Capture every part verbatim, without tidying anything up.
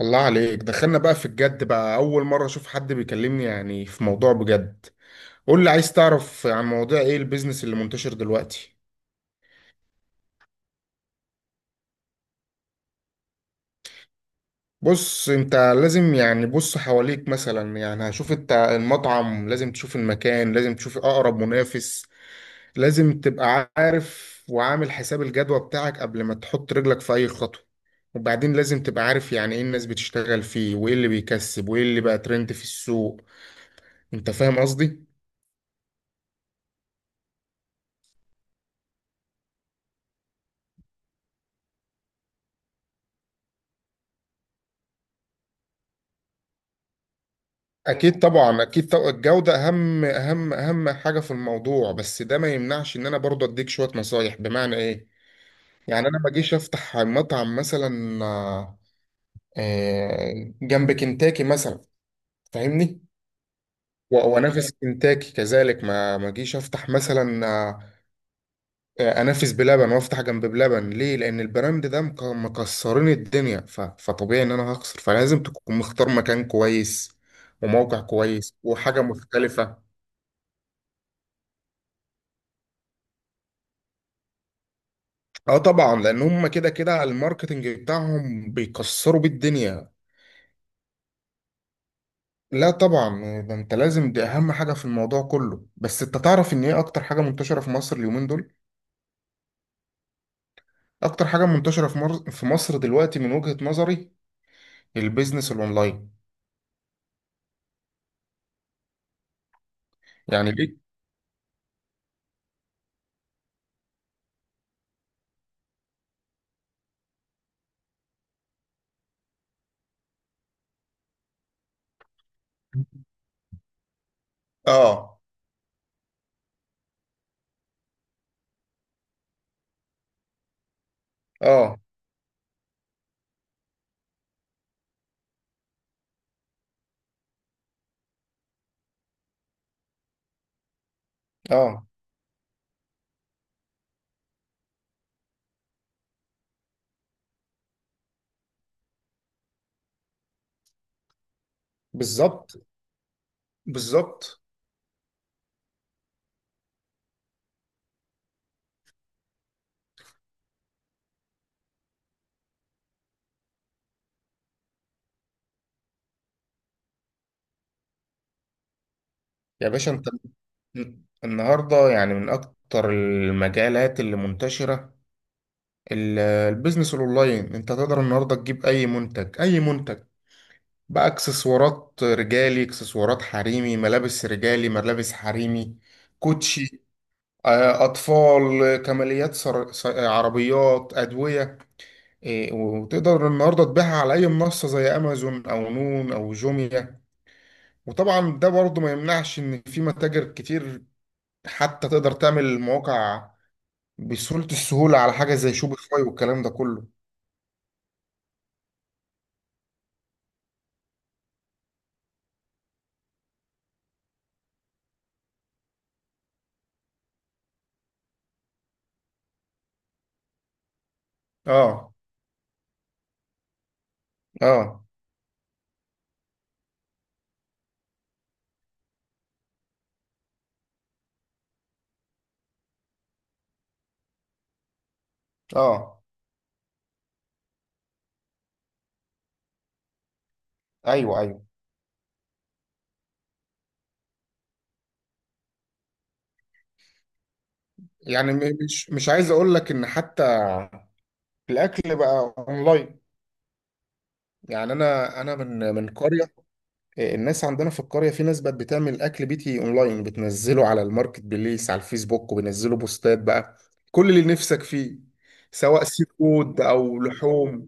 الله عليك، دخلنا بقى في الجد بقى. أول مرة أشوف حد بيكلمني يعني في موضوع بجد. قول لي، عايز تعرف عن مواضيع إيه البيزنس اللي منتشر دلوقتي؟ بص، أنت لازم يعني بص حواليك مثلا. يعني هشوف أنت المطعم، لازم تشوف المكان، لازم تشوف أقرب منافس. لازم تبقى عارف وعامل حساب الجدوى بتاعك قبل ما تحط رجلك في أي خطوة. وبعدين لازم تبقى عارف يعني إيه الناس بتشتغل فيه وإيه اللي بيكسب وإيه اللي بقى ترند في السوق. أنت فاهم قصدي؟ اكيد طبعا اكيد طبعا الجوده اهم اهم اهم حاجه في الموضوع، بس ده ما يمنعش ان انا برضه اديك شويه نصايح. بمعنى ايه؟ يعني انا ما اجيش افتح مطعم مثلا آه، آه، جنب كنتاكي مثلا. فاهمني؟ و- وانافس كنتاكي. كذلك ما ما اجيش افتح مثلا آه، آه، انافس بلبن وافتح جنب بلبن ليه؟ لان البراند ده مك- مكسرين الدنيا، ف- فطبيعي ان انا هخسر. فلازم تكون مختار مكان كويس وموقع كويس وحاجه مختلفه. اه طبعا، لان هم كده كده الماركتنج بتاعهم بيكسروا بيه الدنيا. لا طبعا، ده انت لازم، دي اهم حاجه في الموضوع كله. بس انت تعرف ان ايه اكتر حاجه منتشره في مصر اليومين دول؟ اكتر حاجه منتشره في مر... في مصر دلوقتي من وجهه نظري: البيزنس الاونلاين. يعني ليه؟ اه، اه، اه. بالظبط، بالظبط. يا باشا انت، النهارده يعني من اكتر المجالات اللي منتشره ال- البيزنس الاونلاين. انت تقدر النهارده تجيب اي منتج، اي منتج بقى: اكسسوارات رجالي، اكسسوارات حريمي، ملابس رجالي، ملابس حريمي، كوتشي، آه، اطفال، آه، كماليات، سر... س- آه، عربيات، ادويه، آه، وتقدر النهارده تبيعها على اي منصه زي امازون او نون او جوميا. وطبعا ده برضه ما يمنعش ان في متاجر كتير، حتى تقدر تعمل مواقع بسهوله، السهوله على حاجه زي شوبيفاي والكلام ده كله. اه، اه، اه. ايوه، ايوه. يعني م- مش مش عايز اقول لك ان حتى الاكل بقى اونلاين. يعني انا انا من من قريه، الناس عندنا في القريه، في ناس بقت بتعمل اكل بيتي اونلاين، بتنزله على الماركت بليس على الفيسبوك وبينزلوا بوستات بقى كل اللي نفسك فيه، سواء سي فود او لحوم.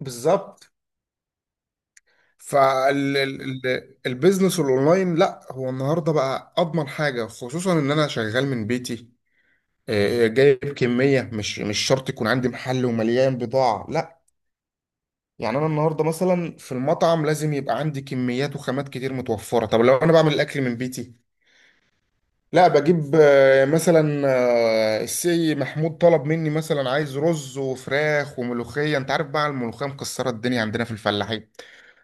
بالظبط. فالبيزنس الاونلاين لا، هو النهارده بقى اضمن حاجه، خصوصا ان انا شغال من بيتي. آه، جايب كميه. مش مش شرط يكون عندي محل ومليان بضاعه، لا. يعني انا النهارده مثلا في المطعم لازم يبقى عندي كميات وخامات كتير متوفره. طب لو انا بعمل الاكل من بيتي، لا، بجيب آه، مثلا آه، السي محمود طلب مني مثلا عايز رز وفراخ وملوخيه، انت عارف بقى الملوخيه مكسره الدنيا عندنا في الفلاحين.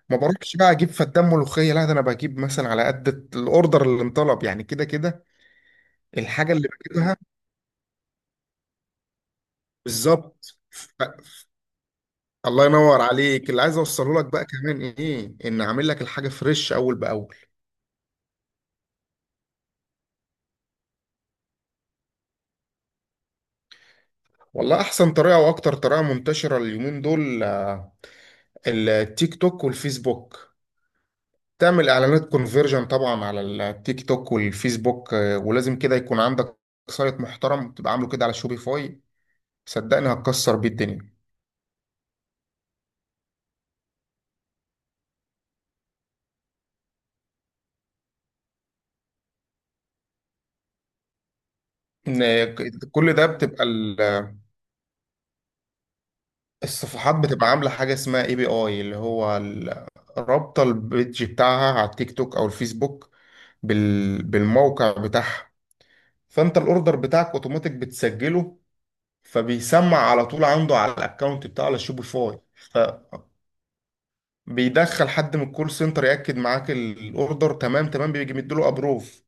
ما بروحش بقى اجيب فدان ملوخيه، لا، ده انا بجيب مثلا على قد الاوردر اللي انطلب، يعني كده كده الحاجه اللي بجيبها. بالظبط. ف- الله ينور عليك. اللي عايز اوصله لك بقى كمان ايه، ان اعمل لك الحاجه فريش اول باول. والله احسن طريقه واكتر طريقه منتشره اليومين دول آه، التيك توك والفيسبوك. تعمل اعلانات كونفيرجن طبعا على التيك توك والفيسبوك، آه، ولازم كده يكون عندك سايت محترم تبقى عامله كده على شوبيفاي. صدقني هتكسر بيه الدنيا. إن ك- كل ده بتبقى ال- الصفحات بتبقى عامله حاجه اسمها اي بي اي، اللي هو ال- رابطه البيج بتاعها على التيك توك او الفيسبوك بال- بالموقع بتاعها. فانت الاوردر بتاعك اوتوماتيك بتسجله، فبيسمع على طول عنده على الاكونت بتاعه على شوبيفاي. فبيدخل حد من الكول سنتر ياكد معاك الاوردر، تمام تمام، بيجي مديله ابروف.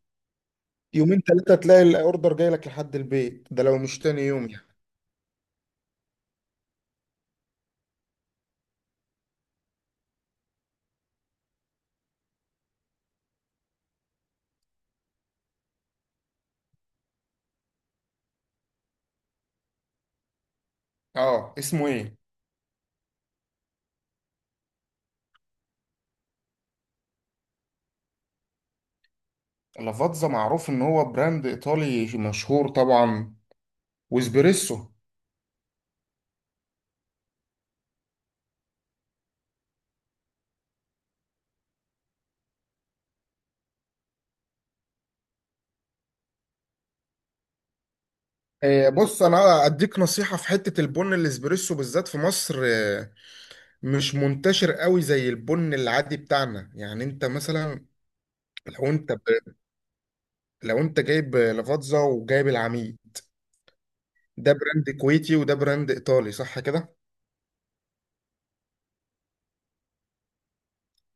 يومين ثلاثة تلاقي الاوردر جاي لك لحد البيت، ده لو مش تاني يوم يعني. اه، اسمه ايه؟ لافاتزا معروف ان هو براند ايطالي مشهور طبعا. واسبريسو. آه بص، انا اديك نصيحة في حتة البن الاسبريسو بالذات في مصر. آه مش منتشر قوي زي البن العادي بتاعنا. يعني انت مثلا، لو انت لو انت جايب لفاتزا وجايب العميد، ده براند كويتي وده براند ايطالي، صح كده؟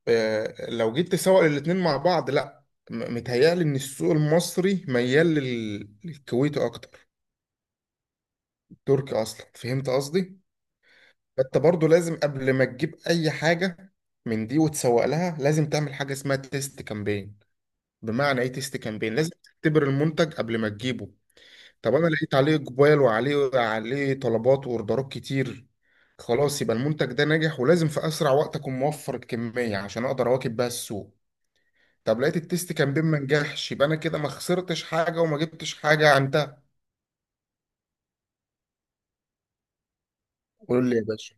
آه، لو جيت تسوق الاتنين مع بعض، لا، م- متهيألي ان السوق المصري ميال لل- للكويتي اكتر. تركي اصلا. فهمت قصدي؟ فانت برضو لازم قبل ما تجيب اي حاجة من دي وتسوق لها، لازم تعمل حاجة اسمها تيست كامبين. بمعنى ايه تيست كامبين؟ لازم تختبر المنتج قبل ما تجيبه. طب انا لقيت عليه اقبال وعليه عليه طلبات واوردرات كتير، خلاص يبقى المنتج ده ناجح ولازم في اسرع وقت اكون موفر الكميه عشان اقدر اواكب بيها السوق. طب لقيت التيست كامبين ما نجحش، يبقى انا كده ما خسرتش حاجه وما جبتش حاجه عندها. قول لي يا باشا.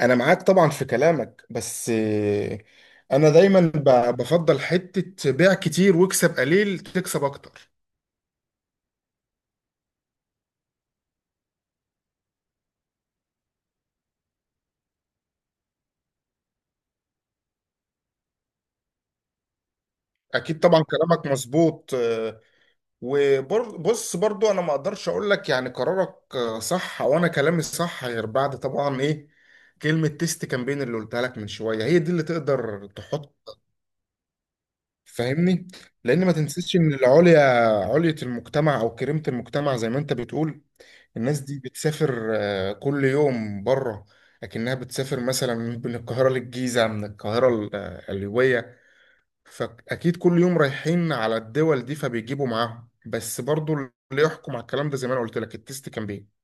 انا معاك طبعا في كلامك، بس آه، انا دايما ب- بفضل حته بيع كتير واكسب قليل، تكسب اكتر. اكيد طبعا كلامك مظبوط، آه، وبص برضو انا ما اقدرش اقول لك يعني قرارك آه، صح وانا كلامي صح، غير بعد طبعا ايه، كلمة تيست كامبين اللي قلتها لك من شوية، هي دي اللي تقدر تحط. فاهمني؟ لان ما تنسيش ان العليا علية المجتمع او كريمة المجتمع زي ما انت بتقول، الناس دي بتسافر آه، كل يوم بره. لكنها بتسافر مثلا من القاهرة للجيزة، من القاهرة ال- آه، القليوبية، فأكيد كل يوم رايحين على الدول دي فبيجيبوا معاهم. بس برضو اللي يحكم على الكلام ده زي ما أنا قلت لك، التست كان بيه.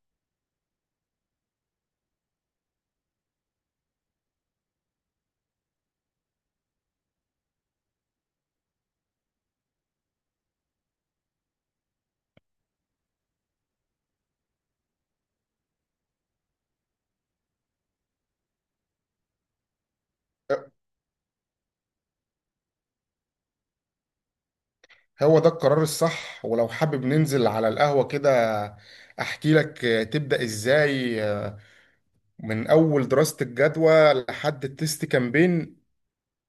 هو ده القرار الصح، ولو حابب ننزل على القهوة كده أحكي لك آه، تبدأ إزاي آه، من أول دراسة الجدوى لحد التست كامبين.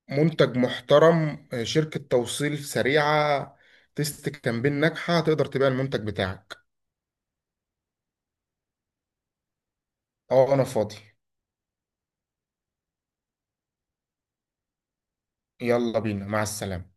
منتج محترم، آه، شركة توصيل سريعة، تست كامبين ناجحة، تقدر تبيع المنتج بتاعك. أه، أنا فاضي. يلا بينا، مع السلامة.